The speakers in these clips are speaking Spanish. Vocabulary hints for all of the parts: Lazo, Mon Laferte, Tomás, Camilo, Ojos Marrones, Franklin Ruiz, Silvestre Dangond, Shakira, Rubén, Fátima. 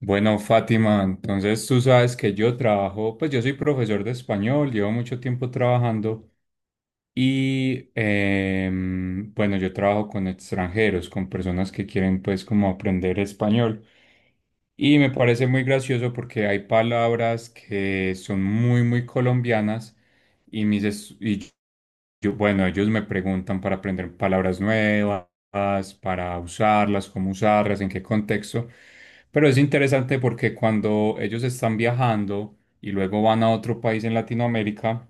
Bueno, Fátima, entonces tú sabes que yo trabajo, pues yo soy profesor de español, llevo mucho tiempo trabajando y bueno, yo trabajo con extranjeros, con personas que quieren pues como aprender español. Y me parece muy gracioso porque hay palabras que son muy, muy colombianas y y yo, bueno, ellos me preguntan para aprender palabras nuevas, para usarlas, cómo usarlas, en qué contexto. Pero es interesante porque cuando ellos están viajando, y luego van a otro país en Latinoamérica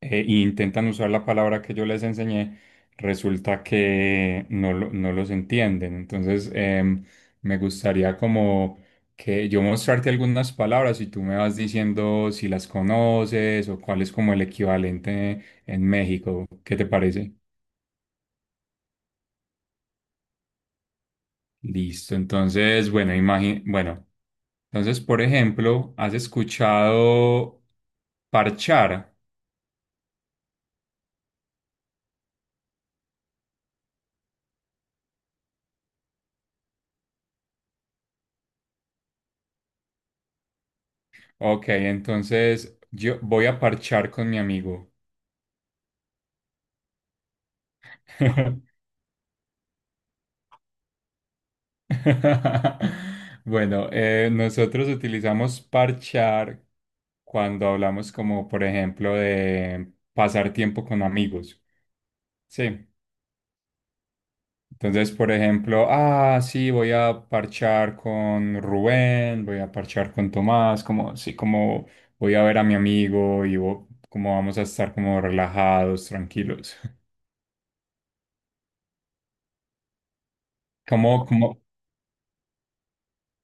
e intentan usar la palabra que yo les enseñé, resulta que no, no los entienden. Entonces, me gustaría como que yo mostrarte algunas palabras y tú me vas diciendo si las conoces o cuál es como el equivalente en México. ¿Qué te parece? Listo. Entonces, bueno, bueno, entonces, por ejemplo, ¿has escuchado parchar? Ok, entonces yo voy a parchar con mi amigo. Bueno, nosotros utilizamos parchar cuando hablamos como, por ejemplo, de pasar tiempo con amigos. Sí. Entonces, por ejemplo, ah, sí, voy a parchar con Rubén, voy a parchar con Tomás, como, sí, como voy a ver a mi amigo y como vamos a estar como relajados, tranquilos. Como, como,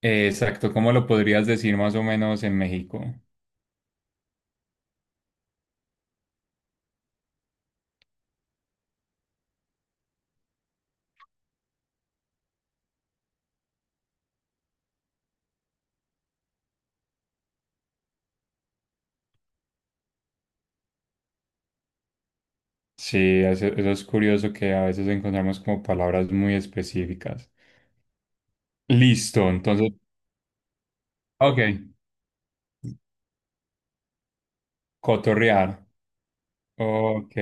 eh, exacto, ¿cómo lo podrías decir más o menos en México? Sí, eso es curioso que a veces encontramos como palabras muy específicas. Listo, entonces, ok, cotorrear, ok,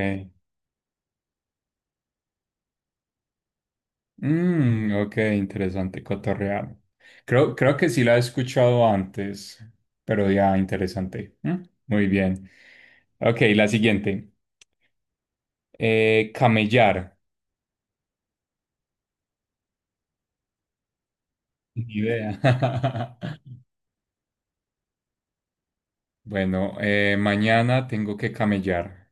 mm, ok, interesante, cotorrear. Creo que sí la he escuchado antes, pero ya, interesante. ¿Mm? Muy bien. Ok, la siguiente, eh, camellar. Ni idea. Bueno, mañana tengo que camellar.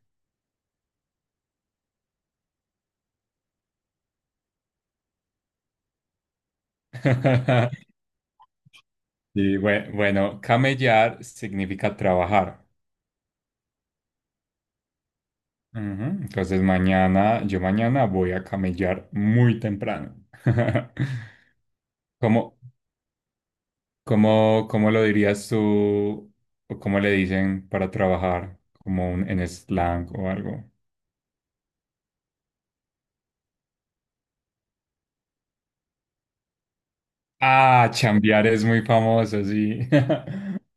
Y bueno, camellar significa trabajar. Ujú. Entonces mañana, yo mañana voy a camellar muy temprano. ¿Cómo, cómo, cómo lo dirías tú? ¿O cómo le dicen para trabajar? Como un, en slang o algo. Ah, chambear es muy famoso, sí.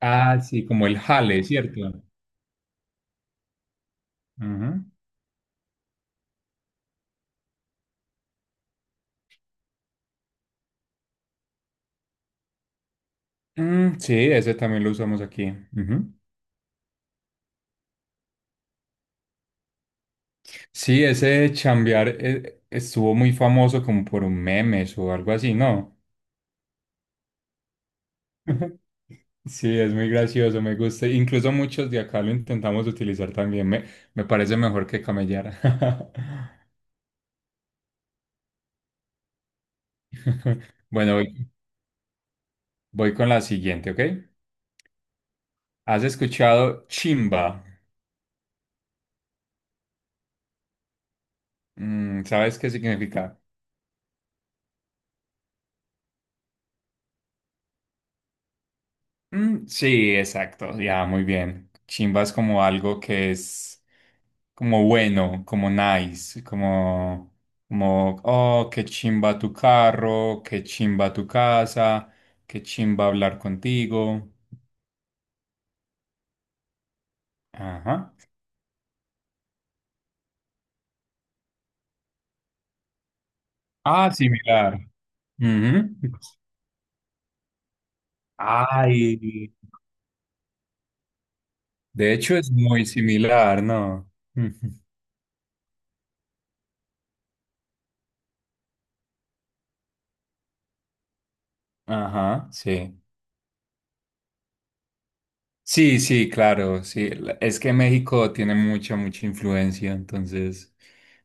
Ah, sí, como el jale, ¿cierto? Ujú. Mm, sí, ese también lo usamos aquí. Ujú. Sí, ese chambear estuvo muy famoso como por un memes o algo así, ¿no? Sí, es muy gracioso, me gusta. Incluso muchos de acá lo intentamos utilizar también. Me parece mejor que camellar. Bueno, voy con la siguiente, ¿ok? ¿Has escuchado chimba? Mm, ¿sabes qué significa? Mm, sí, exacto, ya, muy bien. Chimba es como algo que es como bueno, como nice, como, como, oh, qué chimba tu carro, qué chimba tu casa, qué chimba hablar contigo. Ajá. Ah, similar. Ujú. Ay, de hecho es muy similar, ¿no? Ujú. Ajá, sí. Sí, sí, claro, sí. La- Es que México tiene mucha, mucha influencia, entonces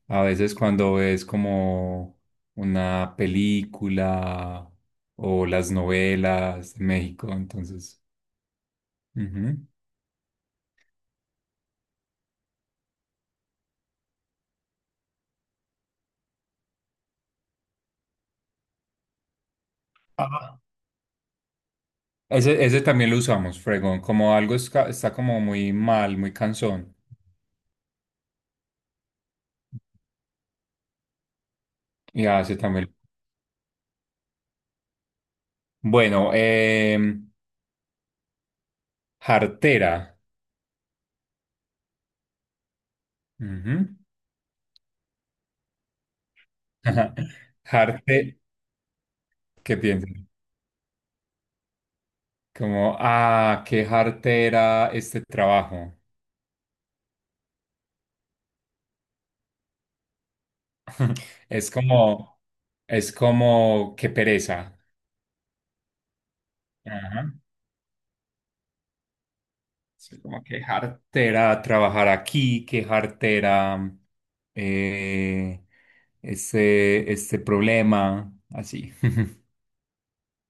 a veces cuando ves como una película o las novelas de México, entonces... ujú. Ah. Ese también lo usamos, fregón, como algo está como muy mal, muy cansón. Y hace también. Bueno, jartera. Ujú. Jarte, ¿qué piensas? Como, ah, qué jartera este trabajo. Es como, es como, qué pereza. Ajá. Sí, como qué jartera trabajar aquí, qué jartera eh, este problema, así.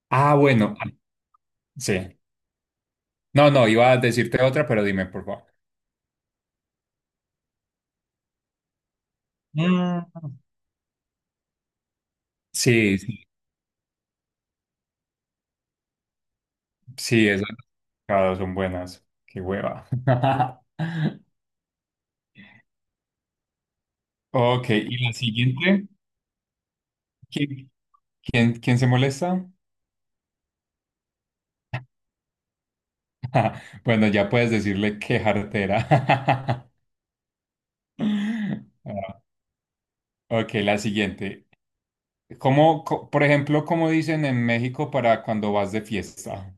Ah, bueno, ah, sí. No, no, iba a decirte otra, pero dime, por favor. Mm. Sí, sí, sí, esas tocadas son buenas. Qué hueva. Ok, y la siguiente, ¿qué, ¿quién, quién se molesta? Bueno, ya puedes decirle qué jartera. Ah, ok, la siguiente. ¿Cómo, por ejemplo, cómo dicen en México para cuando vas de fiesta?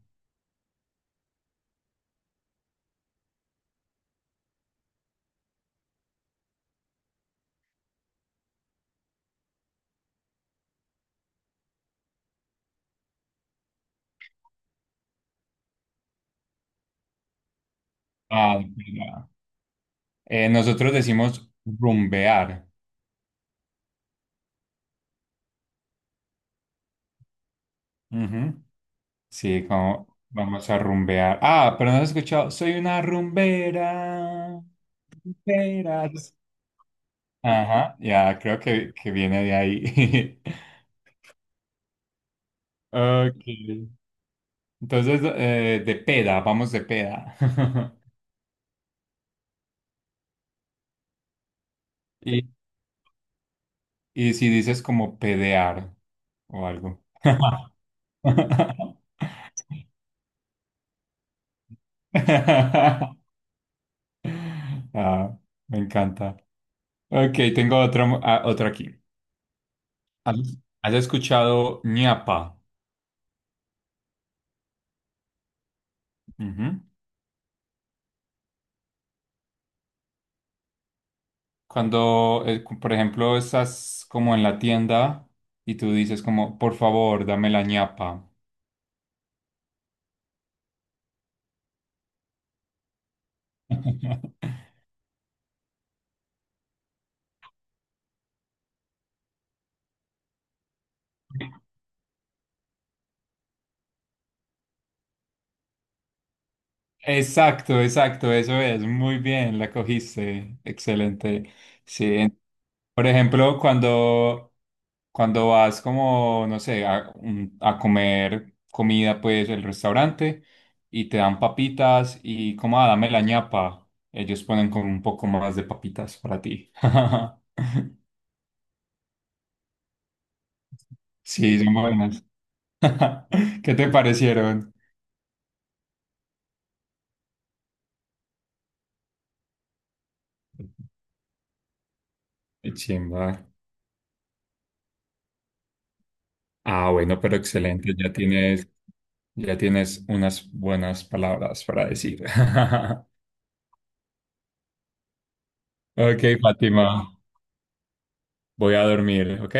Ah, mira. Nosotros decimos rumbear. Ujú. Sí, como vamos a rumbear. Ah, pero no has escuchado. Soy una rumbera. Rumberas. Ajá, ya, creo que viene de ahí. Ok. Entonces, de peda, vamos de peda. Y, y si dices como pedear o algo. Ah, me encanta. Ok, tengo ah, otra aquí. ¿Has has escuchado ñapa? Ujú. Cuando, por ejemplo, estás como en la tienda y tú dices como, por favor, dame la ñapa. Exacto, exacto, eso es, muy bien, la cogiste, excelente. Sí, en- por ejemplo, cuando, cuando vas como, no sé, a, a comer comida, pues, el restaurante, y te dan papitas y como, ah, dame la ñapa, ellos ponen como un poco más de papitas para ti. Sí, son buenas. ¿Qué te parecieron? Qué chimba. Ah, bueno, pero excelente, ya tienes, ya tienes unas buenas palabras para decir. Ok, Fátima, voy a dormir, ¿ok?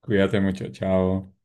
Cuídate mucho, chao.